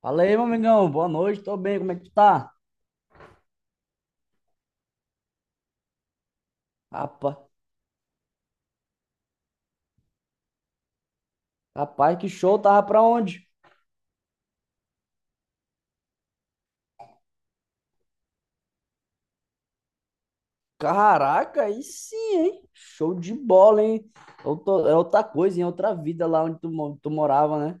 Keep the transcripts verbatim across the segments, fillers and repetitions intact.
Fala aí, meu amigão. Boa noite, tô bem, como é que tu tá? Rapaz, rapaz, que show, tava pra onde? Caraca, aí sim, hein? Show de bola, hein? Outro- é outra coisa, em outra vida lá onde tu, mo- tu morava, né?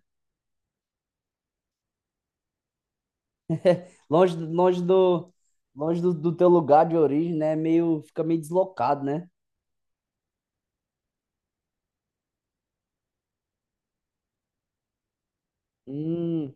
Longe, do- longe do, longe do, do teu lugar de origem, né? Meio, fica meio deslocado, né? Hum,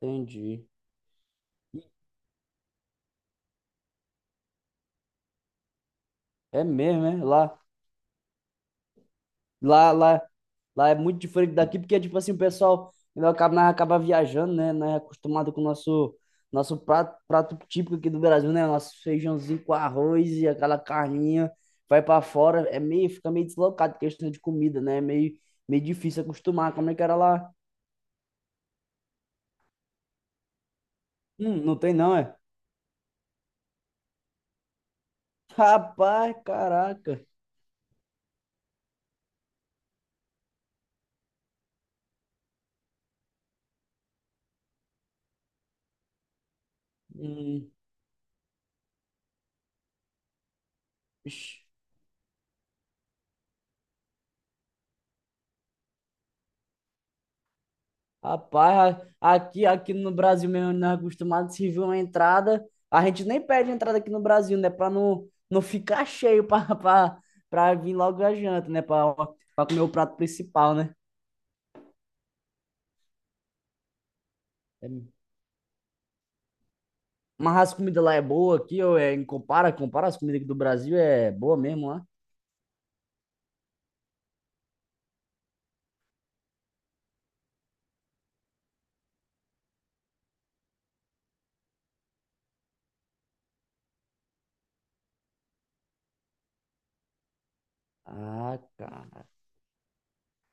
entendi. É mesmo, né? Lá, Lá, lá, lá é muito diferente daqui, porque, tipo assim, o pessoal ainda acaba, nós acaba viajando, né? Nós é acostumado com o nosso, nosso prato, prato típico aqui do Brasil, né? Nosso feijãozinho com arroz e aquela carninha. Vai para fora, é meio, fica meio deslocado, questão de comida, né? É meio, meio difícil acostumar. Como é que era lá? Hum, não tem não, é? Rapaz, caraca. Hum, ixi. Rapaz, a- aqui, aqui no Brasil mesmo, nós é acostumado, se vir uma entrada, a gente nem pede entrada aqui no Brasil, né? Pra não, não ficar cheio pra, pra, pra vir logo a janta, né? Pra, pra comer o prato principal, né? É, mas as comidas lá é boa aqui, ou é, compara, compara as comidas aqui do Brasil, é boa mesmo lá. Ah, cara.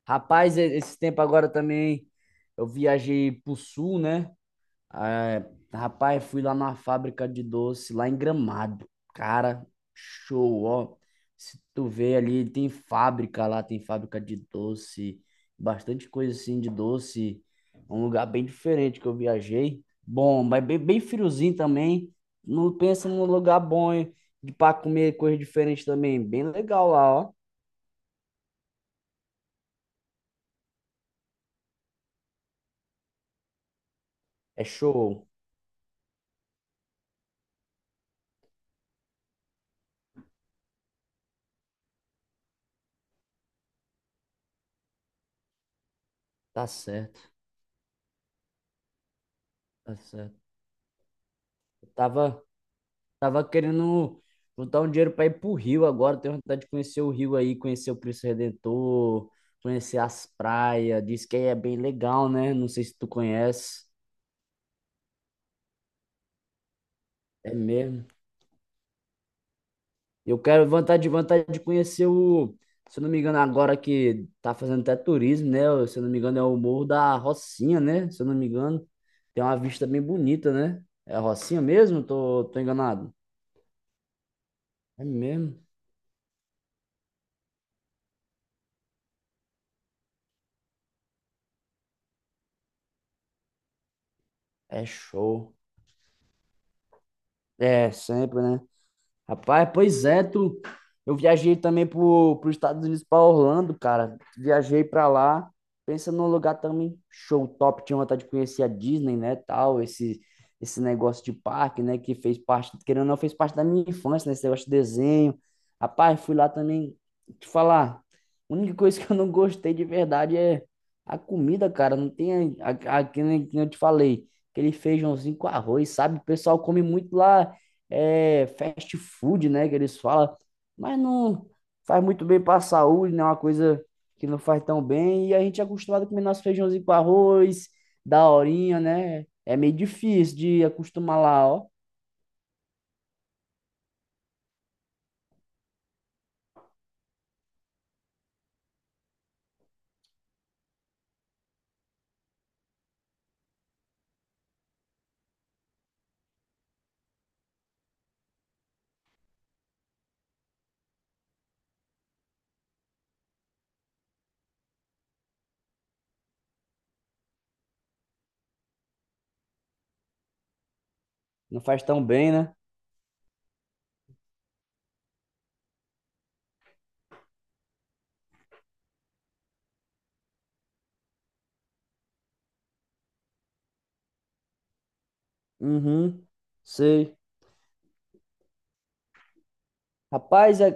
Rapaz, e- esse tempo agora também eu viajei pro sul, né? É, rapaz, fui lá na fábrica de doce, lá em Gramado. Cara, show, ó. Se tu vê ali, tem fábrica lá, tem fábrica de doce, bastante coisa assim de doce. Um lugar bem diferente que eu viajei. Bom, mas bem, bem friozinho também. Não pensa num lugar bom hein, de para comer coisa diferente também. Bem legal lá, ó. É show. Tá certo, tá certo. Eu tava Tava querendo juntar um dinheiro para ir pro Rio agora. Tenho vontade de conhecer o Rio aí, conhecer o Cristo Redentor, conhecer as praias. Diz que aí é bem legal, né? Não sei se tu conhece. É mesmo. Eu quero vontade, vontade de conhecer o, se eu não me engano, agora que tá fazendo até turismo, né? Se eu não me engano, é o Morro da Rocinha, né? Se eu não me engano, tem uma vista bem bonita, né? É a Rocinha mesmo? Tô, tô enganado. É mesmo? É show. É, sempre, né? Rapaz, pois é, tu. Eu viajei também pro, pros Estados Unidos, pra Orlando, cara. Viajei pra lá. Pensa num lugar também show top. Tinha vontade de conhecer a Disney, né, tal. Esse, esse negócio de parque, né, que fez parte, querendo ou não, fez parte da minha infância, né, esse negócio de desenho. Rapaz, fui lá também. Te falar, a única coisa que eu não gostei de verdade é a comida, cara. Não tem, a, a, a- que nem que nem eu te falei, aquele feijãozinho com arroz, sabe? O pessoal come muito lá é, fast food, né, que eles falam, mas não faz muito bem para a saúde, né, uma coisa que não faz tão bem, e a gente é acostumado a comer nosso feijãozinho com arroz, da horinha, né, é meio difícil de acostumar lá, ó, não faz tão bem, né, uhum, sei. Rapaz, a-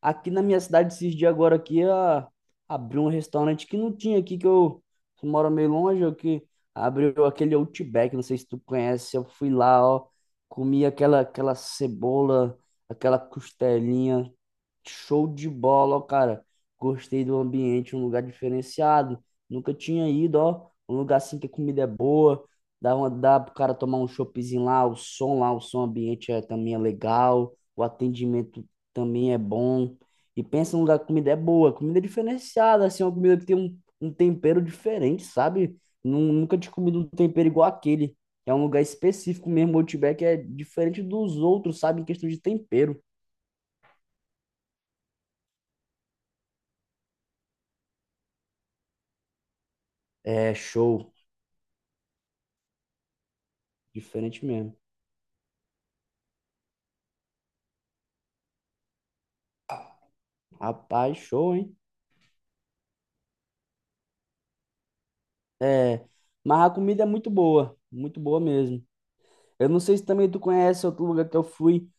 aqui na minha cidade, esses dias agora aqui, a- abriu um restaurante que não tinha aqui, que eu, eu moro meio longe, eu que abriu aquele Outback, não sei se tu conhece, eu fui lá, ó, comi aquela, aquela cebola, aquela costelinha. Show de bola, ó, cara. Gostei do ambiente, um lugar diferenciado. Nunca tinha ido, ó. Um lugar assim que a comida é boa. Dá, uma, dá pro cara tomar um choppzinho lá, o som lá, o som ambiente é, também é legal. O atendimento também é bom. E pensa num lugar que a comida é boa, comida é diferenciada, assim, é uma comida que tem um, um tempero diferente, sabe? Nun- Nunca tinha comido um tempero igual aquele. É um lugar específico mesmo, o Outback é diferente dos outros, sabe? Em questão de tempero. É show. Diferente mesmo. Rapaz, show, hein? É, mas a comida é muito boa, muito boa mesmo. Eu não sei se também tu conhece outro lugar que eu fui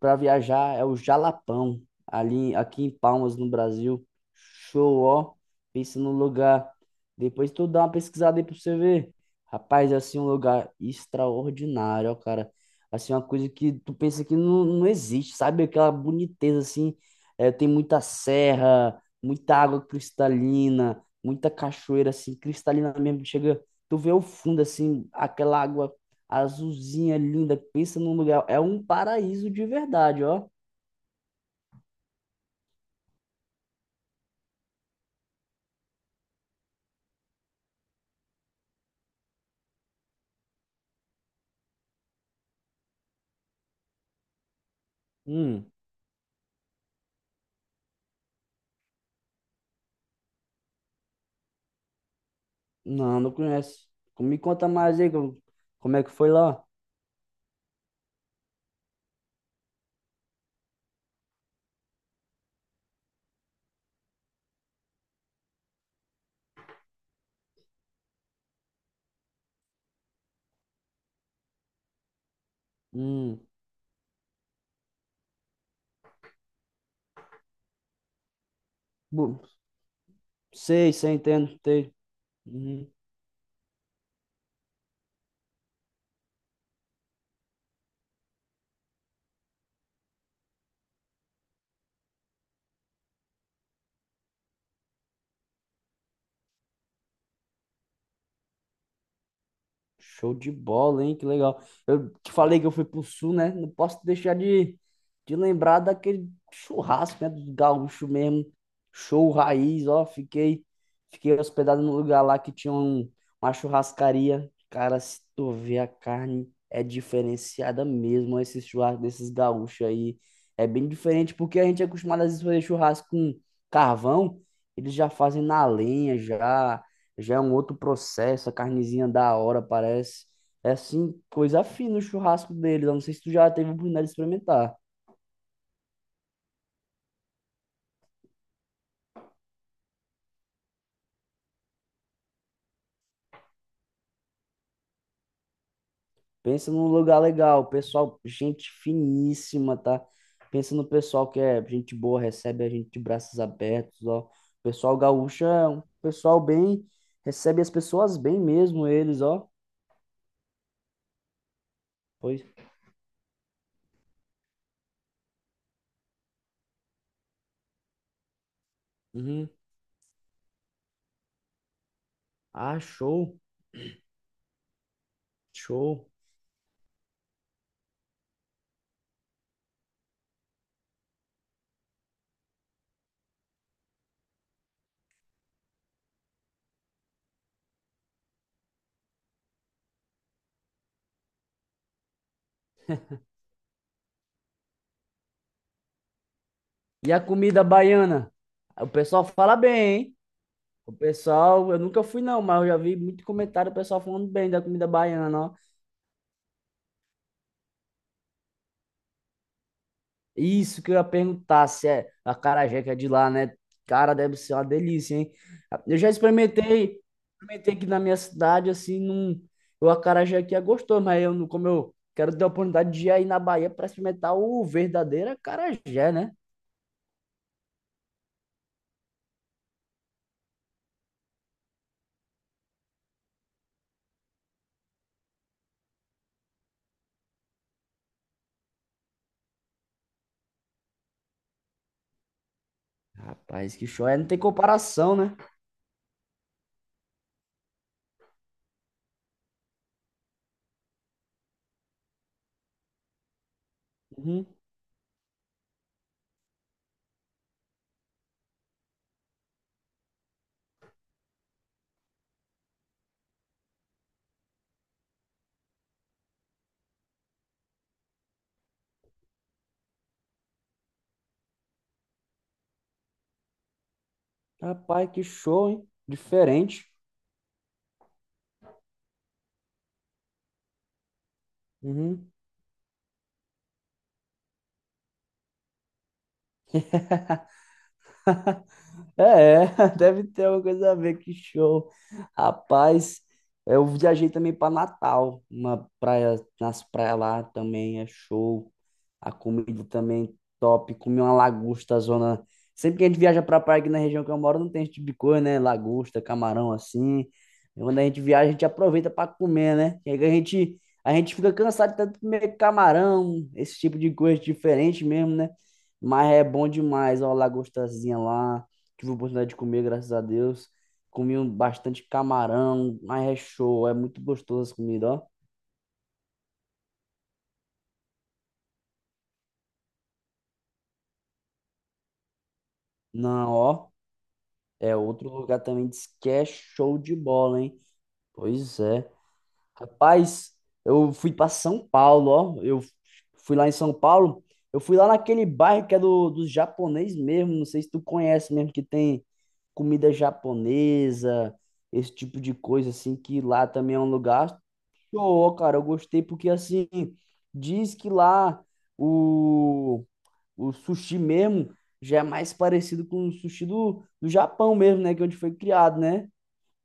para viajar, é o Jalapão, ali aqui em Palmas, no Brasil. Show, ó. Pensa num lugar. Depois tu dá uma pesquisada aí pra você ver. Rapaz, é assim um lugar extraordinário, ó, cara. Assim, uma coisa que tu pensa que não, não existe, sabe? Aquela boniteza, assim. É, tem muita serra, muita água cristalina, muita cachoeira, assim, cristalina mesmo. Chega, tu vê o fundo, assim, aquela água azulzinha, linda. Pensa num lugar. É um paraíso de verdade, ó. Hum. Não, não conheço. Me conta mais aí como como é que foi lá. Hum. bu- Sei, sei, entendo. Sei. Uhum. Show de bola, hein? Que legal. Eu te falei que eu fui pro sul, né? Não posso deixar de, de lembrar daquele churrasco, né? Do gaúcho mesmo. Show raiz, ó. Fiquei, fiquei hospedado num lugar lá que tinha um- uma churrascaria. Cara, se tu vê a carne, é diferenciada mesmo. Ó, esses churrascos desses gaúchos aí. É bem diferente, porque a gente é acostumado às vezes fazer churrasco com carvão. Eles já fazem na lenha, já já é um outro processo, a carnezinha da hora, parece. É assim, coisa fina o churrasco deles. Eu não sei se tu já teve a oportunidade de experimentar. Pensa num lugar legal, pessoal, gente finíssima, tá? Pensa no pessoal que é gente boa, recebe a gente de braços abertos, ó. O pessoal gaúcho é um pessoal bem, recebe as pessoas bem mesmo, eles, ó. Pois. Uhum. Ah, show, show. E a comida baiana? O pessoal fala bem, hein? O pessoal, eu nunca fui não, mas eu já vi muito comentário do pessoal falando bem da comida baiana, ó. Isso que eu ia perguntar, se é a acarajé que é de lá, né? Cara, deve ser uma delícia, hein? Eu já experimentei, experimentei aqui na minha cidade, assim, num, o acarajé aqui é gostoso, mas eu, não- como eu quero ter a oportunidade de ir aí na Bahia para experimentar o verdadeiro acarajé, né? Rapaz, que show, é, não tem comparação, né? Uhum. Rapaz, que show, hein? Diferente. Uhum. É, deve ter alguma coisa a ver, que show. Rapaz, eu viajei também para Natal, uma praia, nas praias lá também é show. A comida também top, comi uma lagosta, zona. Sempre que a gente viaja para praia aqui na região que eu moro, não tem esse tipo de coisa, né? Lagosta, camarão assim. E quando a gente viaja, a gente aproveita para comer, né? E aí a gente, a gente fica cansado de tanto comer camarão, esse tipo de coisa diferente mesmo, né? Mas é bom demais, ó, a lagostazinha lá tive a oportunidade de comer, graças a Deus. Comi um- bastante camarão, mas é show, é muito gostoso essa comida, ó. Não, ó, é outro lugar também, diz que é show de bola, hein? Pois é. Rapaz, eu fui pra São Paulo, ó, eu fui lá em São Paulo, eu fui lá naquele bairro que é do, dos japonês mesmo, não sei se tu conhece mesmo, que tem comida japonesa, esse tipo de coisa, assim, que lá também é um lugar show, cara, eu gostei porque assim, diz que lá o, o sushi mesmo já é mais parecido com o sushi do, do Japão mesmo, né? Que é onde foi criado, né?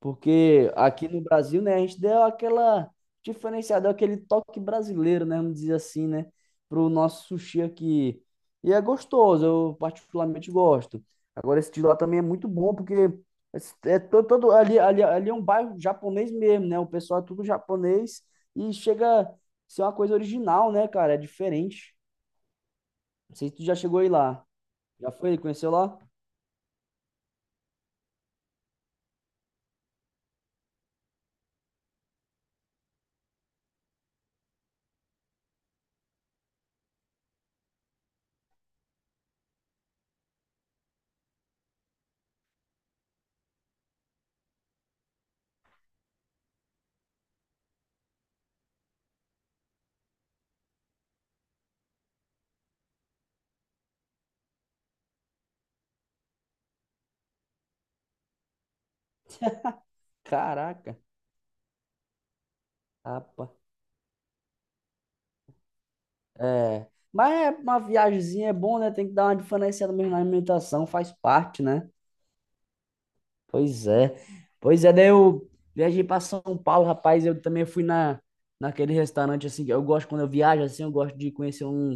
Porque aqui no Brasil, né, a gente deu aquela diferenciada, aquele toque brasileiro, né, vamos dizer assim, né, pro nosso sushi aqui. E é gostoso, eu particularmente gosto. Agora esse de lá também é muito bom, porque é todo, todo ali, ali, ali é um bairro japonês mesmo, né? O pessoal é tudo japonês e chega a ser uma coisa original, né, cara? É diferente. Não sei se tu já chegou aí lá. Já foi? Conheceu lá? Caraca, rapaz. É. Mas é uma viagemzinha é bom, né? Tem que dar uma diferenciada mesmo na alimentação, faz parte, né? Pois é. Pois é, daí eu viajei para São Paulo, rapaz. Eu também fui na, naquele restaurante, assim, que eu gosto, quando eu viajo, assim, eu gosto de conhecer um,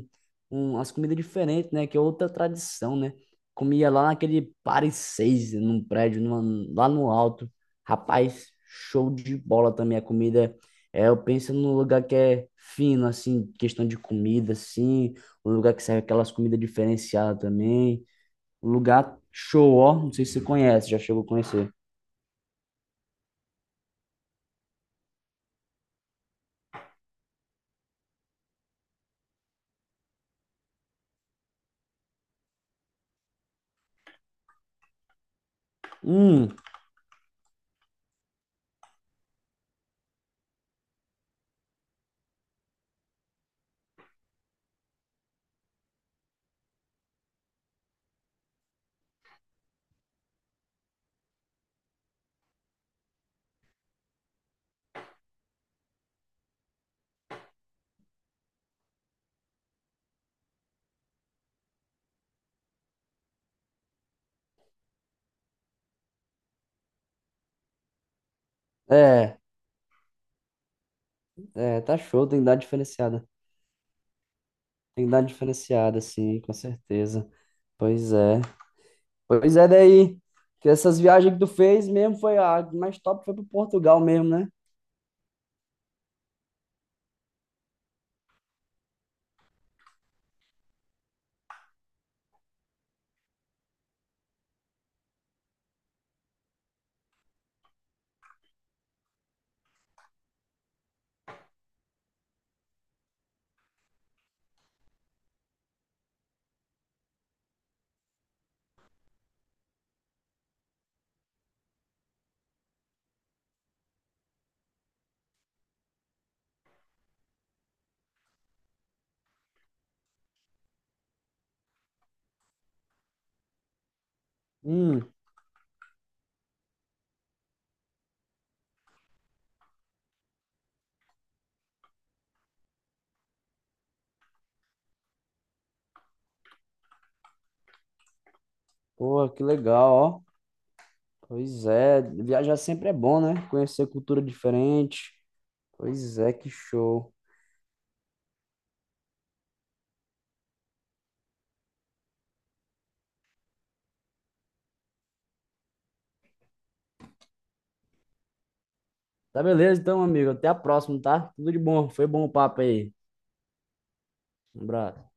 um, umas comidas diferentes, né? Que é outra tradição, né? Comia lá naquele Paris seis, num prédio, numa- lá no alto. Rapaz, show de bola também a comida. É, eu penso num lugar que é fino, assim, questão de comida, assim. Um lugar que serve aquelas comidas diferenciadas também. Um lugar show, ó. Não sei se você conhece, já chegou a conhecer. Hum, é, é, tá show, tem que dar diferenciada. Tem que dar diferenciada, sim, com certeza. Pois é. Pois é, daí. Que essas viagens que tu fez mesmo foi a mais top, foi pro Portugal mesmo, né? Hum, pô que legal, ó. Pois é, viajar sempre é bom, né? Conhecer cultura diferente. Pois é, que show. Tá beleza, então, amigo. Até a próxima, tá? Tudo de bom. Foi bom o papo aí. Um abraço.